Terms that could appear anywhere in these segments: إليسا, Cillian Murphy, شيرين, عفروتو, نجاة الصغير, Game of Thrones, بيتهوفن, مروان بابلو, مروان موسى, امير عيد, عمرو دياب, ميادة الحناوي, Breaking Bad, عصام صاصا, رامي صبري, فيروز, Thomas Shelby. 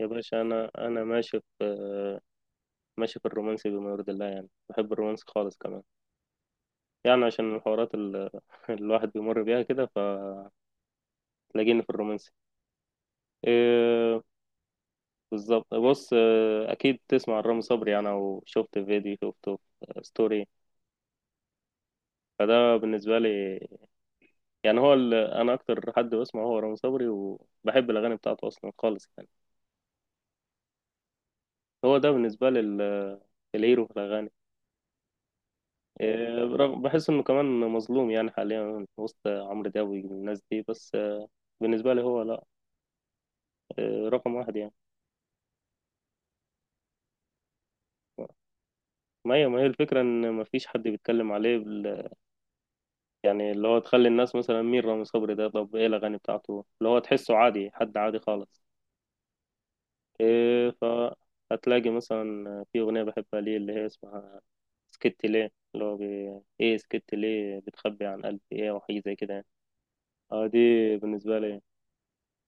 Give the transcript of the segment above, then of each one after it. يا باشا انا ماشي في الرومانسي بما يرضي الله، يعني بحب الرومانسي خالص كمان. يعني عشان الحوارات الواحد بيمر بيها كده، فتلاقيني في الرومانسي. إيه بالظبط. بص، اكيد تسمع عن رامي صبري يعني، او شفت فيديو شفته في ستوري. فده بالنسبه لي يعني. هو انا اكتر حد بسمع هو رامي صبري، وبحب الاغاني بتاعته اصلا خالص يعني. هو ده بالنسبه لي الهيرو في الاغاني. إيه، برغم بحس انه كمان مظلوم يعني حاليا وسط عمرو دياب والناس دي، بس بالنسبة لي هو لا، رقم واحد يعني. ما هي الفكرة ان ما فيش حد بيتكلم عليه يعني، اللي هو تخلي الناس مثلا مين رامي صبري ده؟ طب ايه الاغاني بتاعته اللي هو تحسه عادي، حد عادي خالص. إيه فهتلاقي مثلا في اغنية بحبها، ليه اللي هي اسمها سكت ليه، اللي هو ايه سكت ليه، بتخبي عن قلبي ايه، وحاجة زي كده يعني. اه دي بالنسبة لي.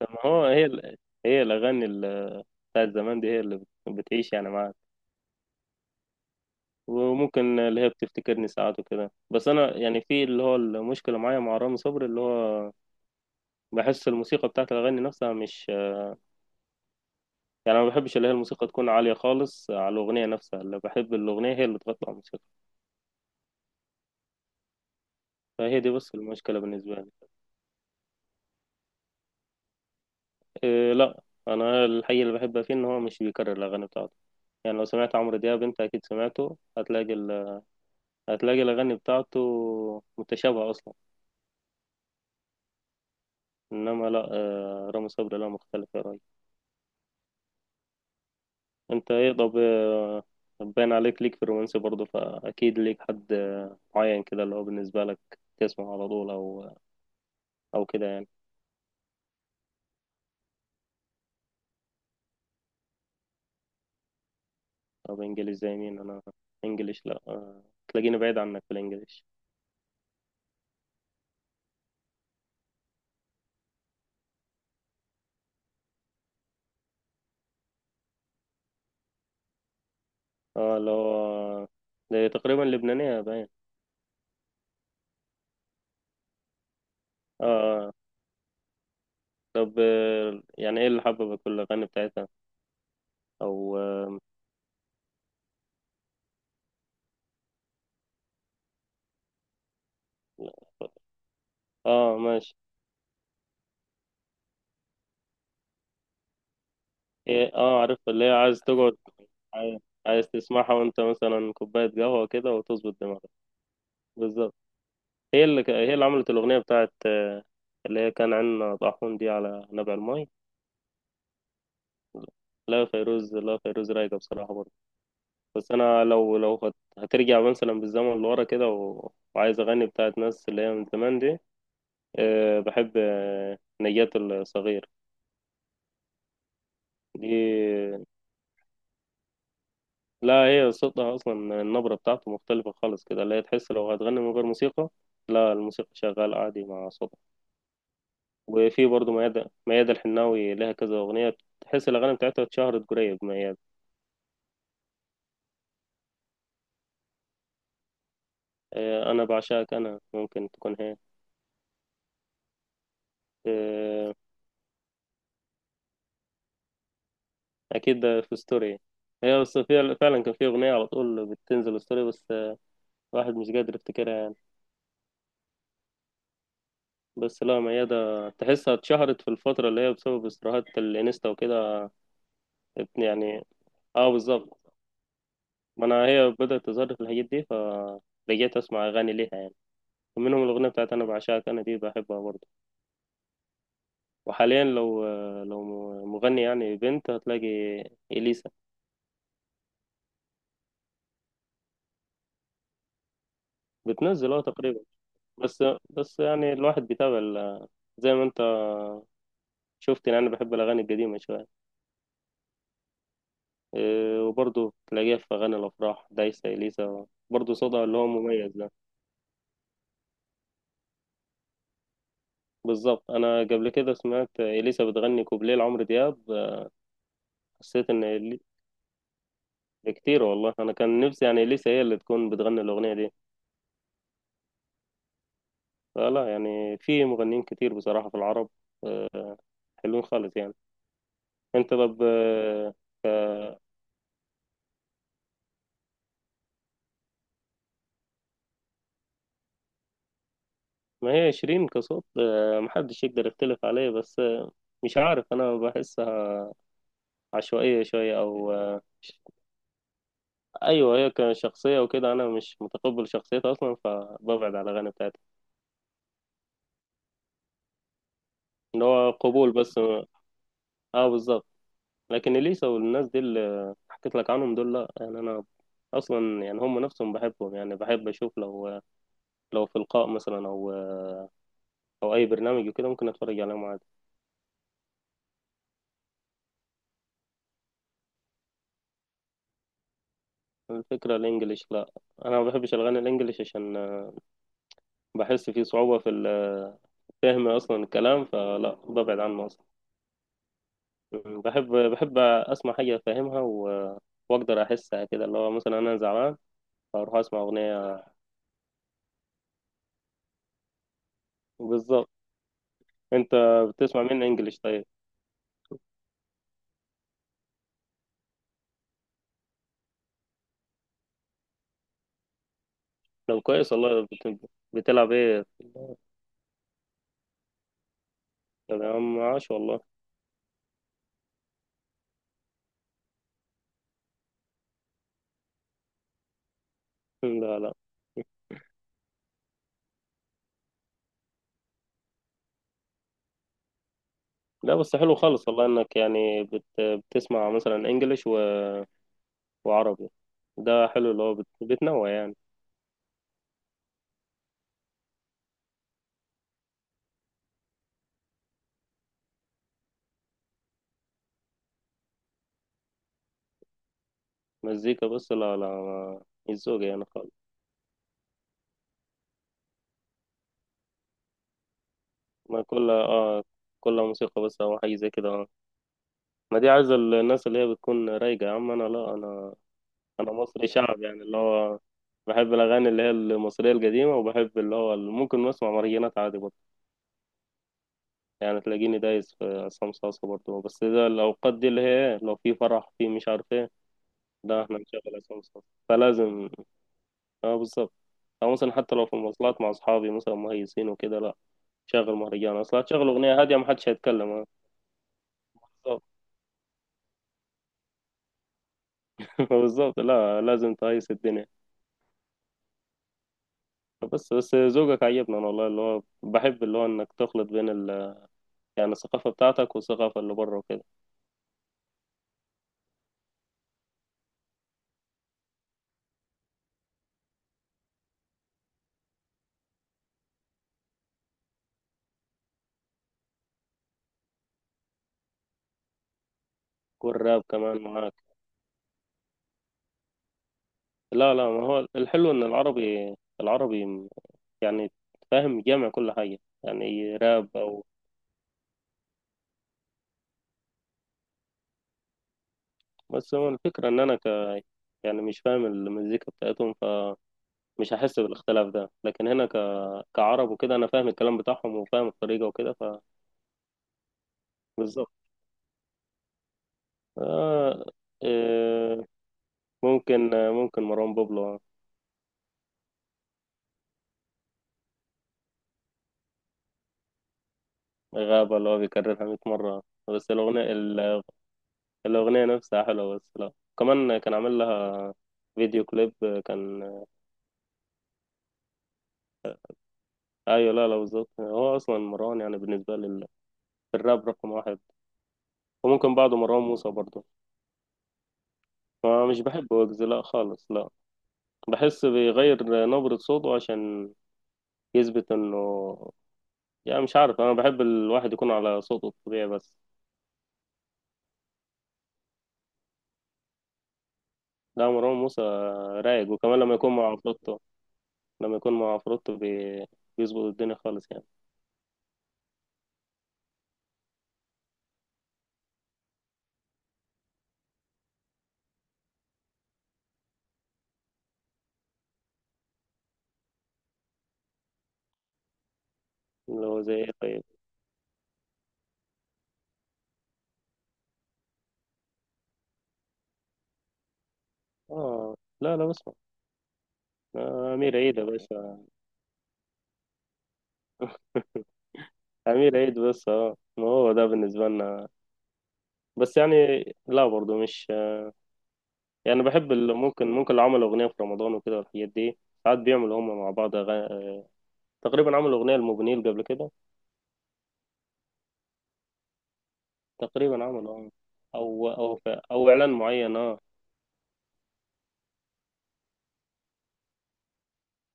طب ما هو هي هي الاغاني بتاعت زمان دي، هي اللي بتعيش يعني معاك. وممكن اللي هي بتفتكرني ساعات وكده. بس انا يعني، في اللي هو المشكله معايا مع رامي صبري، اللي هو بحس الموسيقى بتاعت الاغاني نفسها مش، يعني ما بحبش اللي هي الموسيقى تكون عاليه خالص على الاغنيه نفسها. اللي بحب الاغنيه هي اللي تغطي على الموسيقى. فهي دي بس المشكله بالنسبه لي. إيه لا، انا الحقيقه اللي بحبها فيه ان هو مش بيكرر الاغاني بتاعته. يعني لو سمعت عمرو دياب، انت اكيد سمعته، هتلاقي هتلاقي الاغاني بتاعته متشابهه اصلا. انما لا، رامي صبري لا، مختلف يا راجل. انت ايه؟ طب باين عليك ليك في الرومانسي برضه، فاكيد ليك حد معين كده، اللي هو بالنسبه لك تسمع على طول، او كده يعني. طب انجليش زي مين؟ انا انجليش لا، تلاقيني بعيد عنك في الانجليش. اه، اللي هو آه، ده تقريبا لبنانيه باين. اه، آه. طب يعني ايه اللي حببك في الاغاني بتاعتها؟ او اه، ماشي. إيه اه عارف، اللي هي عايز تقعد، عايز عايز تسمعها وانت مثلا كوبايه قهوه كده، وتظبط دماغك. بالظبط. هي اللي هي اللي عملت الأغنية بتاعت اللي هي كان عندنا طاحون دي، على نبع المي. لا يا فيروز، لا يا فيروز رايقة بصراحة برضه. بس أنا لو لو هترجع مثلا بالزمن لورا كده وعايز أغني بتاعت ناس اللي هي من زمان دي، أه بحب نجاة الصغير. دي لا، هي صوتها أصلا النبرة بتاعته مختلفة خالص كده، اللي هي تحس لو هتغني من غير موسيقى. لا الموسيقى شغالة عادي مع صوتها. وفي برضه ميادة الحناوي، لها كذا أغنية تحس الأغاني بتاعتها اتشهرت قريب. ميادة، أنا بعشاك أنا، ممكن تكون هي. آه، أكيد ده في ستوري، هي بس فعلا كان في أغنية على طول بتنزل ستوري، بس واحد مش قادر يفتكرها يعني. بس لا، ميادة تحسها اتشهرت في الفترة اللي هي بسبب استراحات الإنستا وكده. يعني اه بالظبط، ما أنا هي بدأت تظهر في الحاجات دي، فرجعت أسمع أغاني ليها يعني. منهم الأغنية بتاعت أنا بعشاك أنا دي، بحبها برضه. وحاليا لو، لو مغني يعني بنت، هتلاقي إليسا. بتنزل اه تقريبا. بس، بس يعني الواحد بيتابع زي ما انت شفت، يعني انا بحب الاغاني القديمه شويه. إيه، وبرضه تلاقيها في اغاني الافراح دايسه. اليسا برضه صوتها اللي هو مميز ده. بالظبط، انا قبل كده سمعت اليسا بتغني كوبليه لعمرو دياب، حسيت ان كتير والله. انا كان نفسي يعني اليسا هي اللي تكون بتغني الاغنيه دي. فلا يعني في مغنيين كتير بصراحه في العرب، آه، حلوين خالص يعني. انت طب ما هي شيرين كصوت محدش يقدر يختلف عليه، بس مش عارف، انا بحسها عشوائية شوية، او ايوه هي كشخصية وكده انا مش متقبل شخصيتها اصلا، فببعد على الاغاني بتاعتها. ان هو قبول بس. اه بالظبط، لكن اليسا والناس دي اللي حكيت لك عنهم دول لا يعني، انا اصلا يعني هم نفسهم بحبهم، يعني بحب اشوف لو، لو في لقاء مثلا، او او اي برنامج وكده، ممكن اتفرج عليهم عادي. الفكرة الانجليش لا، انا ما بحبش الاغاني الانجليش، عشان بحس فيه صعوبة في فهم أصلا الكلام، فلا ببعد عنه أصلا. بحب أسمع حاجة أفهمها وأقدر أحسها، كده اللي هو مثلا أنا زعلان، فأروح أسمع أغنية. بالظبط. أنت بتسمع مين إنجلش طيب؟ لو كويس والله بتلعب إيه؟ طب يا عم عاش والله. لا لا لا. بس حلو خالص والله إنك يعني بتسمع مثلا إنجلش وعربي. ده حلو، اللي هو بتنوع يعني. مزيكا بس؟ لا لا مش ذوقي يعني. ما كل كل موسيقى بس، او حاجه زي كده اه. ما دي عايزه الناس اللي هي بتكون رايقه. يا عم انا لا، انا مصري شعب يعني، اللي هو بحب الاغاني اللي هي المصريه القديمه. وبحب اللي هو ممكن نسمع مهرجانات عادي برضه يعني. تلاقيني دايس في عصام صاصا برضه، بس ده الاوقات دي اللي هي إيه، لو في فرح، في مش عارف ايه. ده احنا نشغل عصام صاصا فلازم. اه بالظبط. او مثلا حتى لو في المواصلات مع اصحابي مثلا مهيسين وكده، لا شغل مهرجان. اصلا هتشغل اغنيه هاديه؟ محدش هيتكلم. اه فبالظبط لا، لازم تقيس الدنيا. بس بس ذوقك عجبني انا والله، اللي هو بحب اللي هو انك تخلط بين يعني الثقافه بتاعتك والثقافه اللي بره وكده. والراب كمان معاك؟ لا لا، ما هو الحلو ان العربي، العربي يعني فاهم، جامع كل حاجه يعني، راب او. بس هو الفكره ان انا ك، يعني مش فاهم المزيكا بتاعتهم، فمش هحس بالاختلاف ده. لكن هنا كعرب وكده انا فاهم الكلام بتاعهم، وفاهم الطريقه وكده، فبالظبط. آه... آه، ممكن مروان بابلو. غابة اللي هو بيكررها 100 مرة. بس الأغنية الأغنية نفسها حلوة. بس لا، كمان كان عامل لها فيديو كليب كان. أيوة لا لا بالظبط، هو أصلا مروان يعني بالنسبة لي الراب رقم واحد. وممكن بعده مروان موسى برضه. ما مش بحب ويجز، لا خالص لا. بحس بيغير نبرة صوته عشان يثبت إنه، يعني مش عارف، أنا بحب الواحد يكون على صوته الطبيعي بس. لا مروان موسى رايق، وكمان لما يكون مع عفروتو، لما يكون مع عفروتو بيظبط الدنيا خالص يعني. اللي هو زي ايه طيب؟ اه لا لا بسمع. امير عيد يا باشا. امير عيد بس، اه ما هو ده بالنسبه لنا. بس يعني لا برضه مش، يعني بحب ممكن اللي عملوا اغنيه في رمضان وكده والحاجات دي. ساعات بيعملوا هم مع بعض أغاني. تقريبا عملوا اغنيه لموبينيل قبل كده. تقريبا عملوا او اعلان معين اه.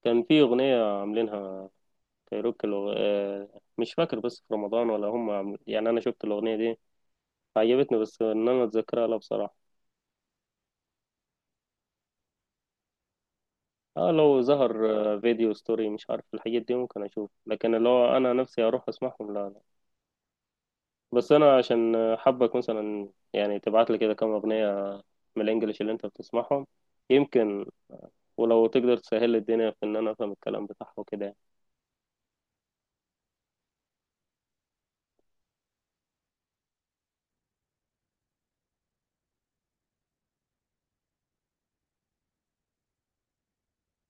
كان في اغنيه عاملينها كايروكي مش فاكر بس في رمضان، ولا هم يعني انا شفت الاغنيه دي عجبتني، بس ان انا اتذكرها لا بصراحه. اه لو ظهر فيديو ستوري مش عارف الحاجات دي، ممكن اشوف. لكن اللي هو انا نفسي اروح اسمعهم لا لا. بس انا عشان حابك مثلا، يعني تبعت لي كده كام اغنيه من الانجليش اللي انت بتسمعهم يمكن. ولو تقدر تسهل لي الدنيا في ان انا افهم الكلام بتاعه وكده يعني.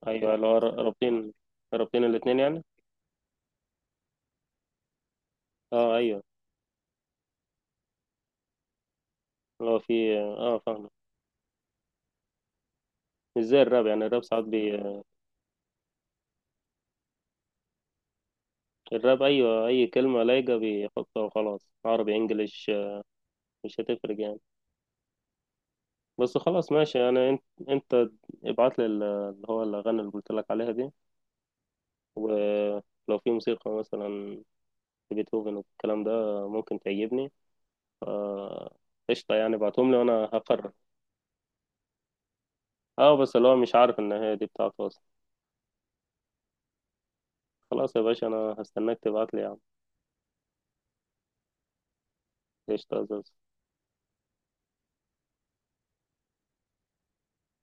ايوه اللي هو رابطين، رابطين الاتنين يعني. اه ايوه، اللي هو في فاهم. مش زي الراب يعني، الراب ساعات الراب ايوه اي كلمه لايقه بيحطها وخلاص، عربي انجليش مش هتفرق يعني. بس خلاص ماشي. انت ابعت لي اللي هو الاغاني اللي قلت لك عليها دي. ولو في موسيقى مثلا بيتهوفن والكلام ده ممكن تعجبني، ف- قشطة يعني. ابعتهم لي وانا هقرر. اه بس اللي هو مش عارف ان هي دي بتاعته اصلا. خلاص يا باشا، انا هستناك تبعت لي يا عم. قشطة يا زوز.